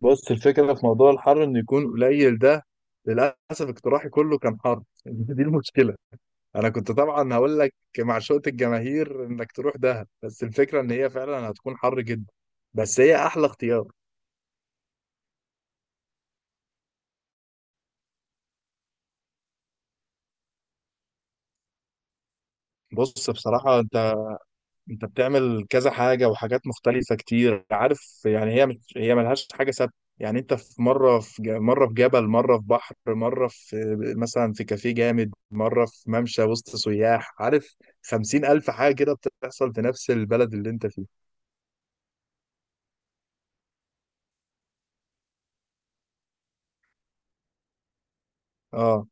بص، الفكرة في موضوع الحر إنه يكون قليل ده. للأسف اقتراحي كله كان حر دي المشكلة. أنا كنت طبعا هقول لك معشوقة الجماهير إنك تروح دهب، بس الفكرة إن هي فعلا هتكون حر جدا. بس هي أحلى اختيار. بص، بصراحة، انت بتعمل كذا حاجة وحاجات مختلفة كتير، عارف، يعني هي مش، هي ملهاش حاجة ثابتة. يعني انت في مرة مرة في جبل، مرة في بحر، مرة في مثلا في كافيه جامد، مرة في ممشى وسط سياح، عارف، 50,000 حاجة كده بتحصل في نفس البلد اللي انت فيه. اه.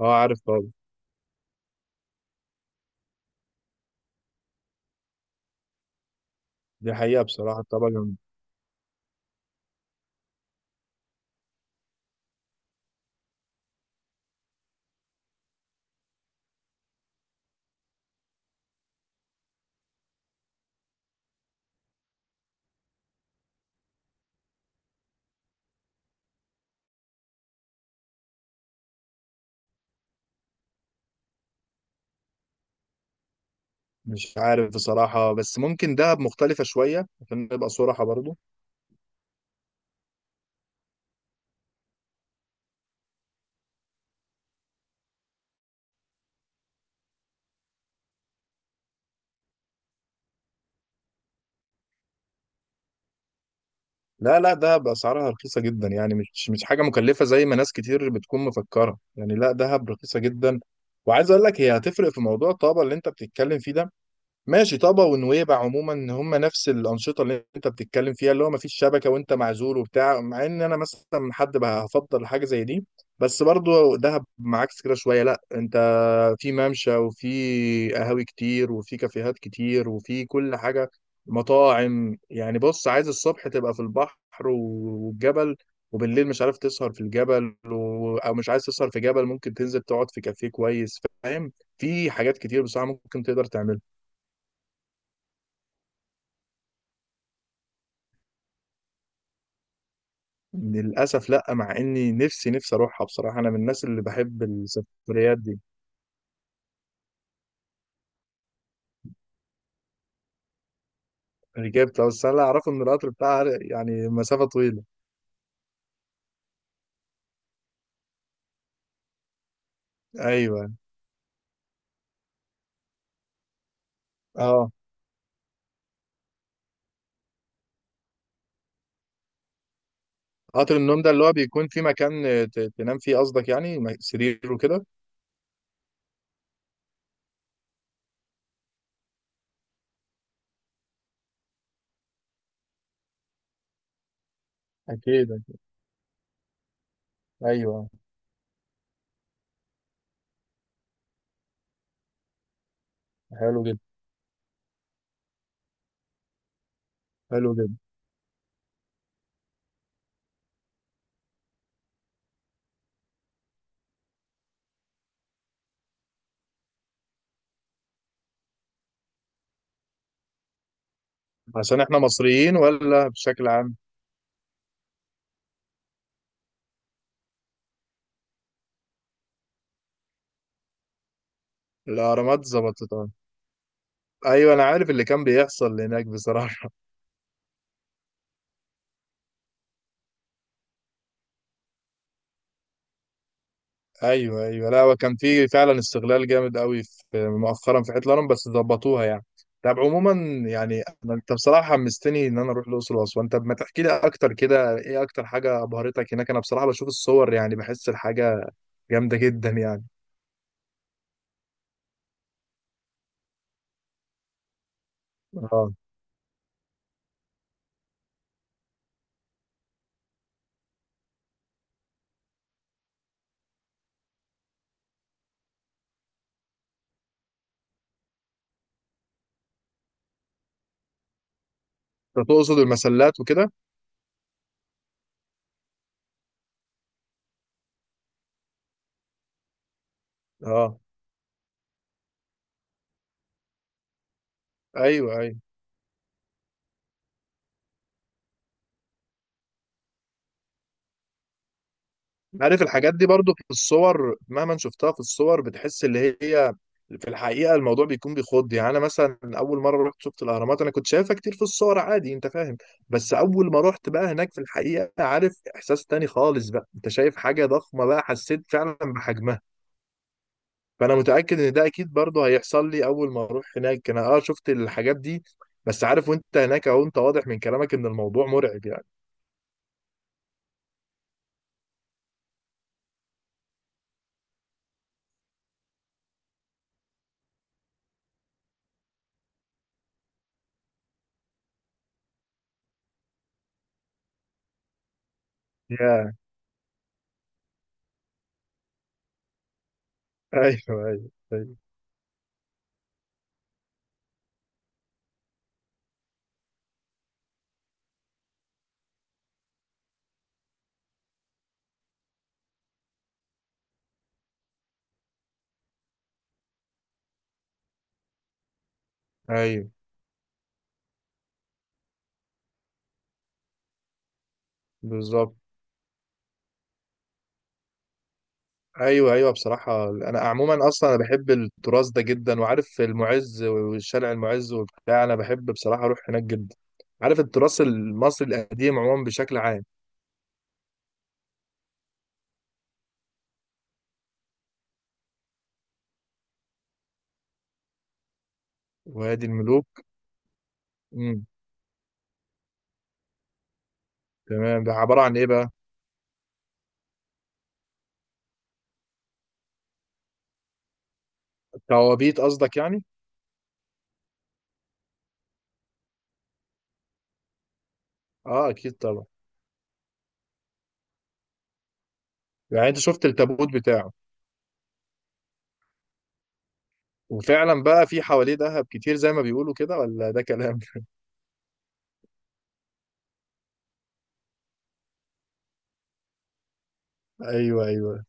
اه، عارف طبعا. دي حقيقة بصراحة طبعا. مش عارف بصراحة، بس ممكن دهب مختلفة شوية عشان نبقى صراحة برضو. لا، لا، دهب اسعارها رخيصه جدا، يعني مش حاجه مكلفه زي ما ناس كتير بتكون مفكره، يعني لا، دهب رخيصه جدا. وعايز اقول لك هي هتفرق في موضوع طابا اللي انت بتتكلم فيه ده. ماشي، طابا ونويبع عموما هم نفس الانشطه اللي انت بتتكلم فيها، اللي هو مفيش شبكه وانت معزول وبتاع، مع ان انا مثلا حد بقى هفضل حاجه زي دي. بس برضو دهب معاكس كده شويه، لا انت في ممشى وفي قهاوي كتير وفي كافيهات كتير وفي كل حاجة، مطاعم. يعني بص، عايز الصبح تبقى في البحر والجبل، وبالليل مش عارف تسهر في الجبل، و... او مش عايز تسهر في جبل ممكن تنزل تقعد في كافيه كويس، فاهم؟ في حاجات كتير بصراحة ممكن تقدر تعملها. للأسف لا، مع اني نفسي نفسي اروحها بصراحة، انا من الناس اللي بحب السفريات دي. ركبت، بس انا اعرفه ان القطر بتاعها يعني مسافة طويلة. ايوه. اه، قطر النوم ده اللي هو بيكون في مكان تنام فيه قصدك، يعني سرير وكده. أكيد أكيد. أيوه. حلو جدا. حلو جدا. عشان إحنا مصريين ولا بشكل عام؟ الأهرامات ظبطت طبعا. أيوه أنا عارف اللي كان بيحصل هناك بصراحة. أيوه أيوه، لا هو كان في فعلا استغلال جامد قوي في مؤخرا في حتة الهرم، بس ظبطوها يعني. طب عموما، يعني أنت بصراحة حمستني إن أنا أروح الأقصر وأسوان. طب ما تحكي لي أكتر كده إيه أكتر حاجة أبهرتك هناك؟ أنا بصراحة بشوف الصور يعني بحس الحاجة جامدة جدا يعني. اه. انت تقصد المسلات وكده؟ اه. ايوه ايوه، عارف الحاجات دي برضو في الصور، مهما شفتها في الصور بتحس اللي هي في الحقيقه الموضوع بيكون بيخض. يعني انا مثلا اول مره رحت شفت الاهرامات انا كنت شايفها كتير في الصور عادي، انت فاهم؟ بس اول ما رحت بقى هناك في الحقيقه، عارف، احساس تاني خالص بقى، انت شايف حاجه ضخمه بقى حسيت فعلا بحجمها. فانا متاكد ان ده اكيد برضو هيحصل لي اول ما اروح هناك، انا اه شفت الحاجات دي، بس عارف وانت هناك اهو انت واضح من كلامك ان الموضوع مرعب يعني. ايوه ايوه ايوه. ايوه بالظبط. ايوه ايوه، بصراحه انا عموما اصلا انا بحب التراث ده جدا، وعارف المعز والشارع المعز وبتاع، انا بحب بصراحه اروح هناك جدا، عارف، التراث المصري القديم عموما بشكل عام. وادي الملوك. امم. تمام، ده عباره عن ايه بقى؟ توابيت قصدك يعني؟ اه اكيد طبعا. يعني انت شفت التابوت بتاعه؟ وفعلا بقى في حواليه ذهب كتير زي ما بيقولوا كده ولا ده كلام؟ ايوه ايوه.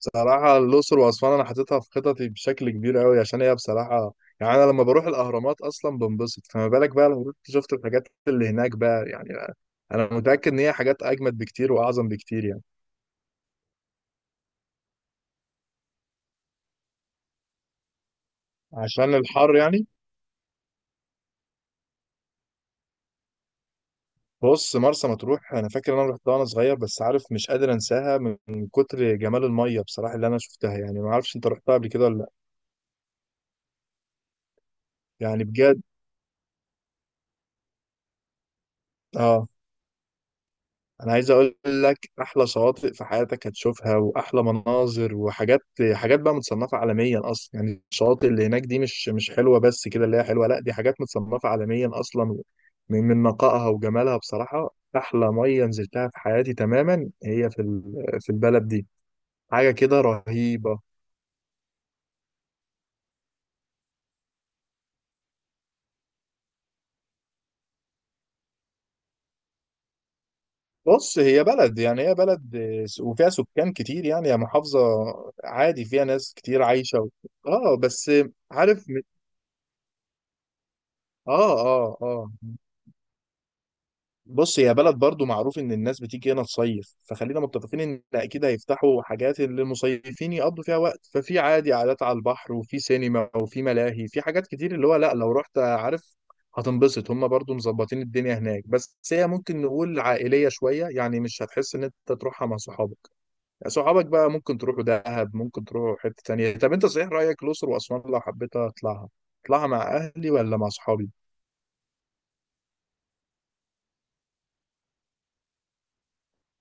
بصراحة الأقصر وأسوان أنا حاططها في خططي بشكل كبير أوي، عشان هي بصراحة، يعني أنا لما بروح الأهرامات أصلا بنبسط، فما بالك بقى لما رحت شفت الحاجات اللي هناك بقى يعني. أنا متأكد إن هي حاجات أجمد بكتير وأعظم بكتير يعني. عشان الحر يعني. بص، مرسى مطروح أنا فاكر إن أنا رحتها وأنا صغير، بس عارف مش قادر أنساها من كتر جمال المية بصراحة اللي أنا شفتها. يعني ما أعرفش أنت رحتها قبل كده ولا لأ. يعني بجد. آه، انا عايز اقول لك احلى شواطئ في حياتك هتشوفها، واحلى مناظر وحاجات، حاجات بقى متصنفه عالميا اصلا. يعني الشواطئ اللي هناك دي، مش مش حلوه بس كده اللي هي حلوه، لا دي حاجات متصنفه عالميا اصلا، من نقائها وجمالها بصراحه. احلى ميه نزلتها في حياتي تماما هي في البلد دي. حاجه كده رهيبه. بص هي بلد، يعني هي بلد آه، وفيها سكان كتير، يعني هي محافظه عادي فيها ناس كتير عايشه. و... اه بس. عارف. اه اه. اه. بص هي بلد برضو معروف ان الناس بتيجي هنا تصيف، فخلينا متفقين ان اكيد هيفتحوا حاجات اللي المصيفين يقضوا فيها وقت، ففي عادي قعدات على البحر وفي سينما وفي ملاهي، في حاجات كتير، اللي هو لا لو رحت عارف هتنبسط، هم برضو مظبطين الدنيا هناك. بس هي ممكن نقول عائلية شوية، يعني مش هتحس ان انت تروحها مع صحابك. صحابك بقى ممكن تروحوا دهب، ممكن تروحوا حتة تانية. طب انت صحيح رأيك الأقصر وأسوان، لو حبيت اطلعها اطلعها مع اهلي ولا مع صحابي؟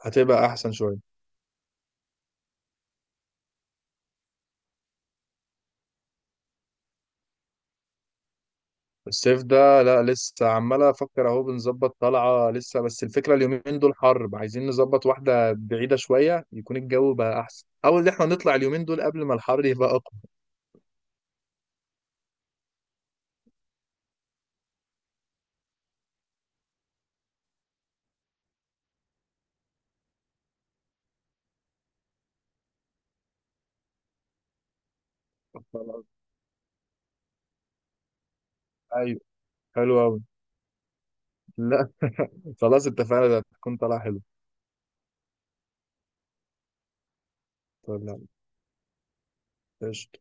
هتبقى احسن شوية. الصيف ده لا لسه، عمال افكر اهو بنظبط طلعه لسه، بس الفكره اليومين دول حر، عايزين نظبط واحده بعيده شويه يكون الجو بقى احسن، او ان احنا نطلع اليومين دول قبل ما الحر يبقى اقوى. خلاص. ايوه. حلو قوي. لا، خلاص اتفقنا، ده هتكون طلعه حلوه. طب لا. قشطة.